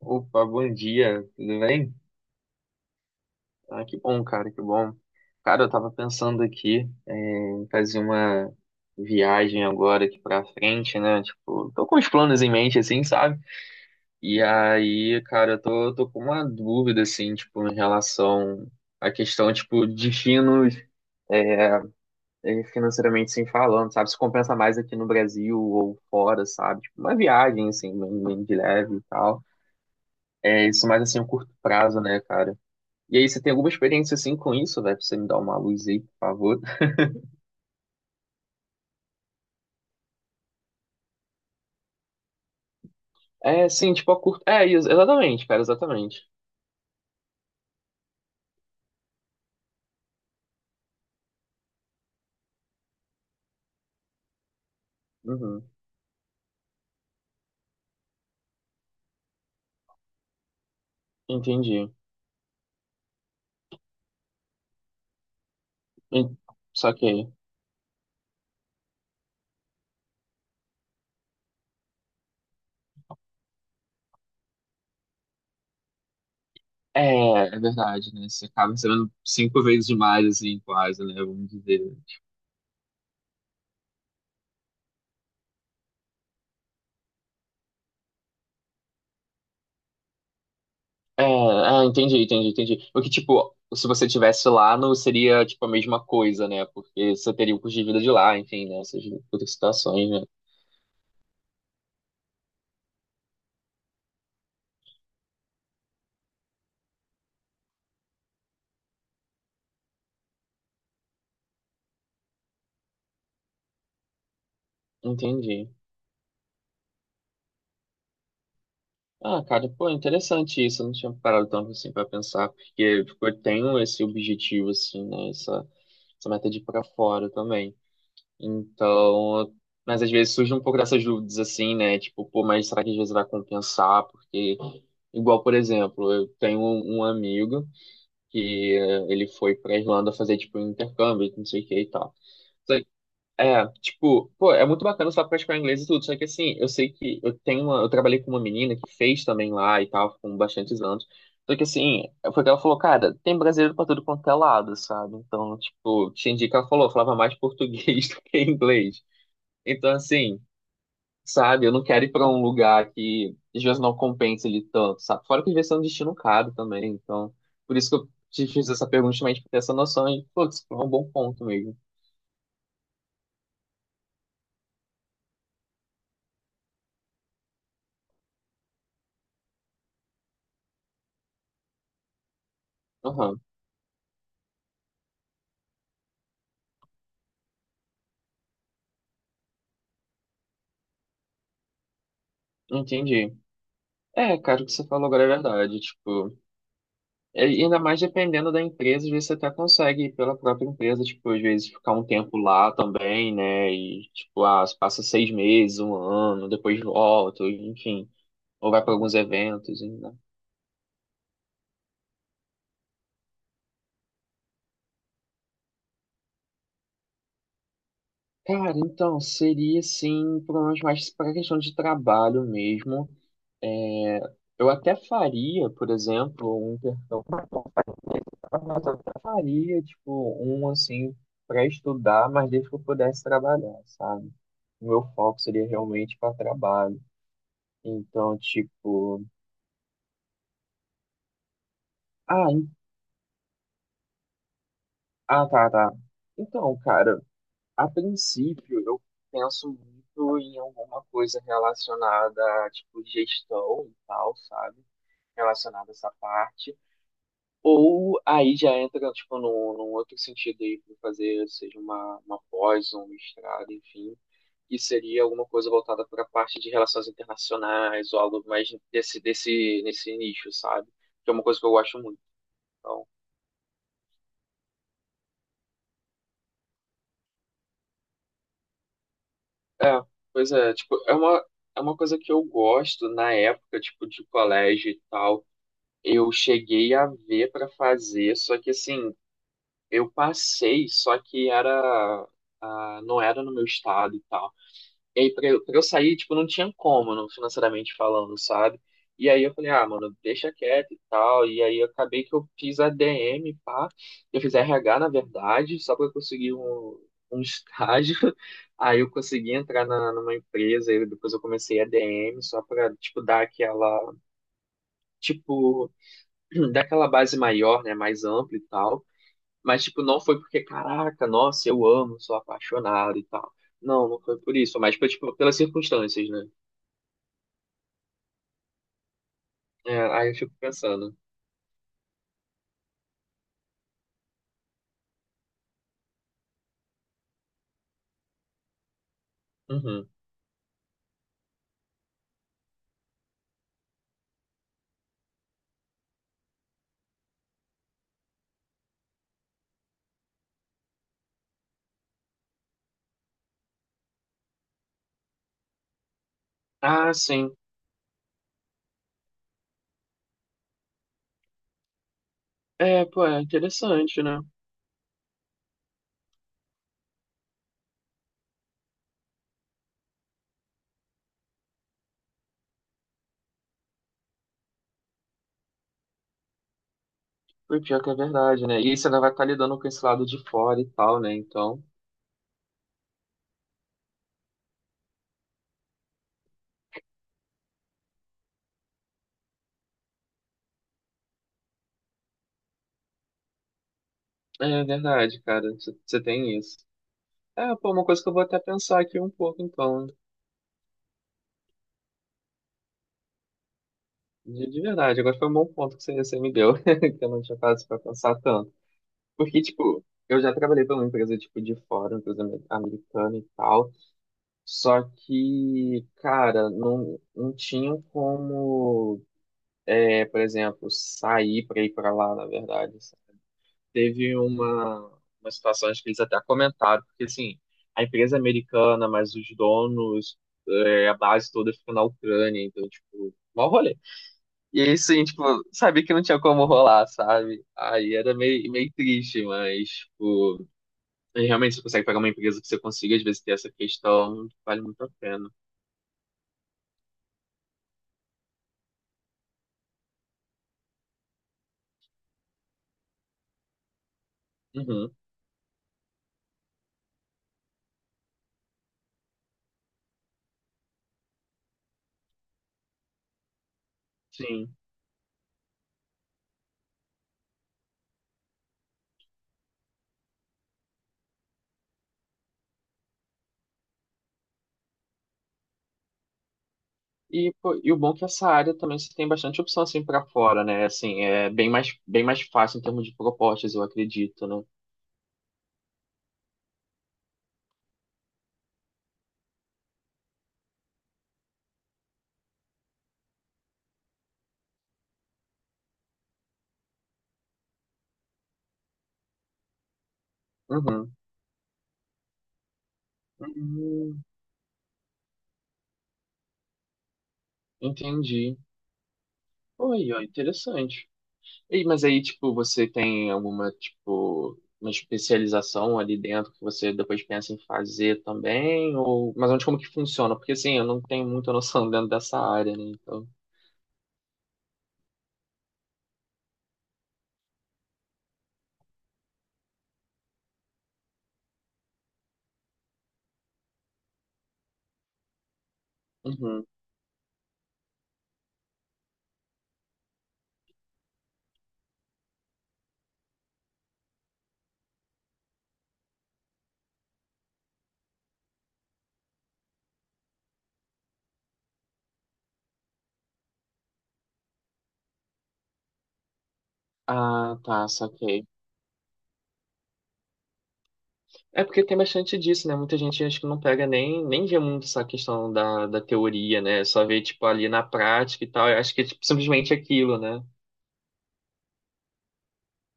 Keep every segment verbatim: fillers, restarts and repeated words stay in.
Opa, bom dia, tudo bem? Ah, que bom, cara, que bom. Cara, eu tava pensando aqui é, em fazer uma viagem agora aqui pra frente, né? Tipo, tô com os planos em mente, assim, sabe? E aí, cara, eu tô, tô com uma dúvida, assim, tipo, em relação à questão, tipo, destinos finos é, financeiramente, assim, falando, sabe? Se compensa mais aqui no Brasil ou fora, sabe? Tipo, uma viagem, assim, bem, bem de leve e tal. É, isso mais, assim, a curto prazo, né, cara? E aí, você tem alguma experiência assim com isso, velho? Pra você me dar uma luz aí, por favor. É, sim, tipo, a curto. É, ex- exatamente, cara, exatamente. Uhum, entendi. En- Saquei. É, é verdade, né? Você acaba recebendo cinco vezes mais, assim, quase, né? Vamos dizer. É, ah, entendi, entendi, entendi. Porque, tipo, se você tivesse lá, não seria, tipo, a mesma coisa, né? Porque você teria o custo de vida de lá, enfim, né? Essas outras situações, né? Entendi. Ah, cara, pô, é interessante isso. Eu não tinha parado tanto assim pra pensar, porque tipo, eu tenho esse objetivo, assim, né? Essa, essa meta de ir pra fora também. Então, eu- mas às vezes surge um pouco dessas dúvidas, assim, né? Tipo, pô, mas será que às vezes vai compensar? Porque, igual, por exemplo, eu tenho um, um amigo que eh, ele foi pra Irlanda fazer, tipo, um intercâmbio, não sei o que e tal. É, tipo, pô, é muito bacana só praticar inglês e tudo, só que assim, eu sei que eu tenho uma, eu trabalhei com uma menina que fez também lá e tal, com bastantes anos. Só que assim, foi que ela falou, cara, tem brasileiro pra tudo quanto é lado, sabe? Então, tipo, tinha dia que ela falou, eu falava mais português do que inglês. Então, assim, sabe, eu não quero ir pra um lugar que às vezes não compensa ele tanto, sabe? Fora que às vezes é um destino caro também, então, por isso que eu te fiz essa pergunta, justamente pra ter essa noção e, pô, isso foi um bom ponto mesmo. Aham, entendi. É, cara, o que você falou agora é verdade, tipo, é- e ainda mais dependendo da empresa, às vezes você até consegue ir pela própria empresa, tipo, às vezes ficar um tempo lá também, né, e, tipo, ah, você passa seis meses, um ano, depois volta, enfim, ou vai para alguns eventos, ainda. Cara, então, seria, assim, provavelmente mais para questão de trabalho mesmo, eu até faria, por exemplo, um intercâmbio. Mas eu até faria, tipo, um assim, para estudar, mas desde que eu pudesse trabalhar, sabe? O meu foco seria realmente para trabalho. Então, tipo. Ah, en- ah, tá, tá. Então, cara, a princípio eu penso muito em alguma coisa relacionada a, tipo, gestão e tal, sabe? Relacionada a essa parte. Ou aí já entra, tipo, num, num outro sentido aí, para fazer, seja uma, uma, pós, um mestrado, enfim, e seria alguma coisa voltada para a parte de relações internacionais ou algo mais desse, desse, nesse nicho, sabe? Que é uma coisa que eu gosto muito. Então, é, pois é, tipo, é uma, é uma coisa que eu gosto na época, tipo, de colégio e tal. Eu cheguei a ver para fazer, só que assim, eu passei, só que era, ah, não era no meu estado e tal. E aí, pra eu, pra eu sair, tipo, não tinha como, não, financeiramente falando, sabe? E aí eu falei, ah, mano, deixa quieto e tal. E aí eu acabei que eu fiz A D M, pá. Eu fiz R H, na verdade, só pra eu conseguir um, um estágio. Aí eu consegui entrar na, numa empresa, e depois eu comecei a ADM, só pra, tipo, dar aquela, tipo, dar aquela base maior, né, mais ampla e tal. Mas, tipo, não foi porque, caraca, nossa, eu amo, sou apaixonado e tal. Não, não foi por isso, mas foi, tipo, pelas circunstâncias, né? É, aí eu fico pensando. Uhum. Ah, sim. É, pô, é interessante, né? Foi pior que é verdade, né? E aí você ainda vai estar lidando com esse lado de fora e tal, né? Então, é verdade, cara. Você você tem isso. É, pô, uma coisa que eu vou até pensar aqui um pouco, então. De, de verdade, agora foi um bom ponto que você, você me deu, que eu não tinha parado pra pensar tanto. Porque, tipo, eu já trabalhei pra uma empresa, tipo, de fora, uma empresa ame- americana e tal. Só que, cara, não, não tinha como. É, por exemplo, sair para ir para lá, na verdade. sabe? Teve uma, uma situação acho que eles até comentaram, porque assim, a empresa é americana, mas os donos, é, a base toda fica na Ucrânia, então, tipo, mal rolê. E aí, sim, tipo, sabia que não tinha como rolar, sabe? Aí era meio, meio triste, mas, tipo, realmente você consegue pegar uma empresa que você consiga, às vezes, ter essa questão, vale muito a pena. Uhum, sim. E, pô, e o bom é que essa área também você tem bastante opção assim para fora, né? Assim, é bem mais, bem mais fácil em termos de propostas, eu acredito, né? Uhum. Hum, entendi. Oi, ó, interessante. E, mas aí, tipo, você tem alguma, tipo, uma especialização ali dentro que você depois pensa em fazer também? Ou... Mas onde, como que funciona? Porque, assim, eu não tenho muita noção dentro dessa área, né? Então, uhum. Ah, tá, saquei. É porque tem bastante disso, né? Muita gente acho que não pega nem, nem vê muito essa questão da, da teoria, né? Só vê, tipo, ali na prática e tal. Eu acho que é tipo, simplesmente aquilo, né?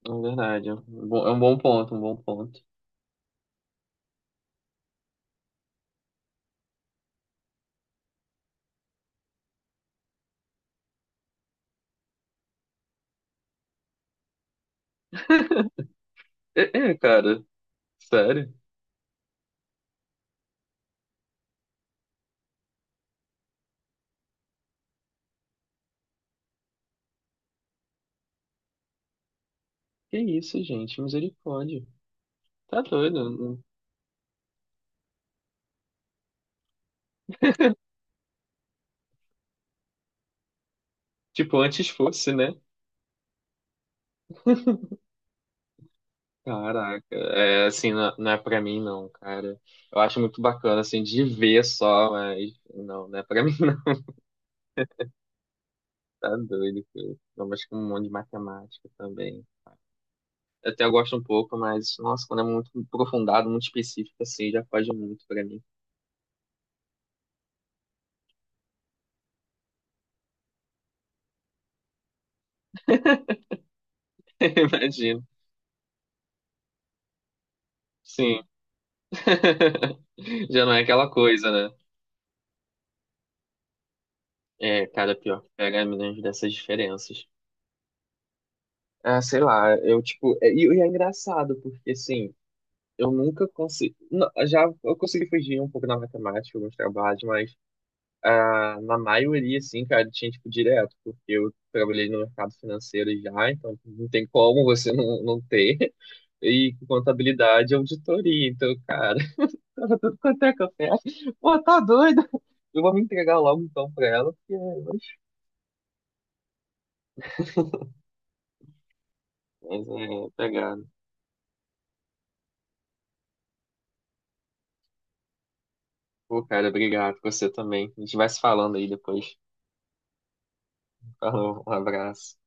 É verdade. É um bom é um bom ponto, um bom ponto. É, é, cara. Sério? Que isso, gente? Misericórdia. Tá doido. Tipo, antes fosse, né? Caraca. É, assim, não, não é pra mim, não, cara. Eu acho muito bacana, assim, de ver só, mas não, não é pra mim, não. Tá doido, cara. Eu acho que um monte de matemática também. Eu até gosto um pouco, mas, nossa, quando é muito aprofundado, muito específico, assim, já foge muito pra mim. Imagino. Sim. Já não é aquela coisa, né? É, cara, pior que pega milhões dessas diferenças. Ah, sei lá, eu, tipo... é- E e é engraçado, porque, assim, eu nunca consegui... Não, já eu consegui fugir um pouco na matemática, alguns trabalhos, mas ah, na maioria, assim, cara, tinha, tipo, direto, porque eu trabalhei no mercado financeiro já, então não tem como você não, não ter. e contabilidade e auditoria. Então, cara, tava tudo quanto é café. Pô, tá doido? Eu vou me entregar logo então pra ela, porque é, mas, mas é é pegado. Pô, cara, obrigado. Você também. A gente vai se falando aí depois. Falou, um abraço.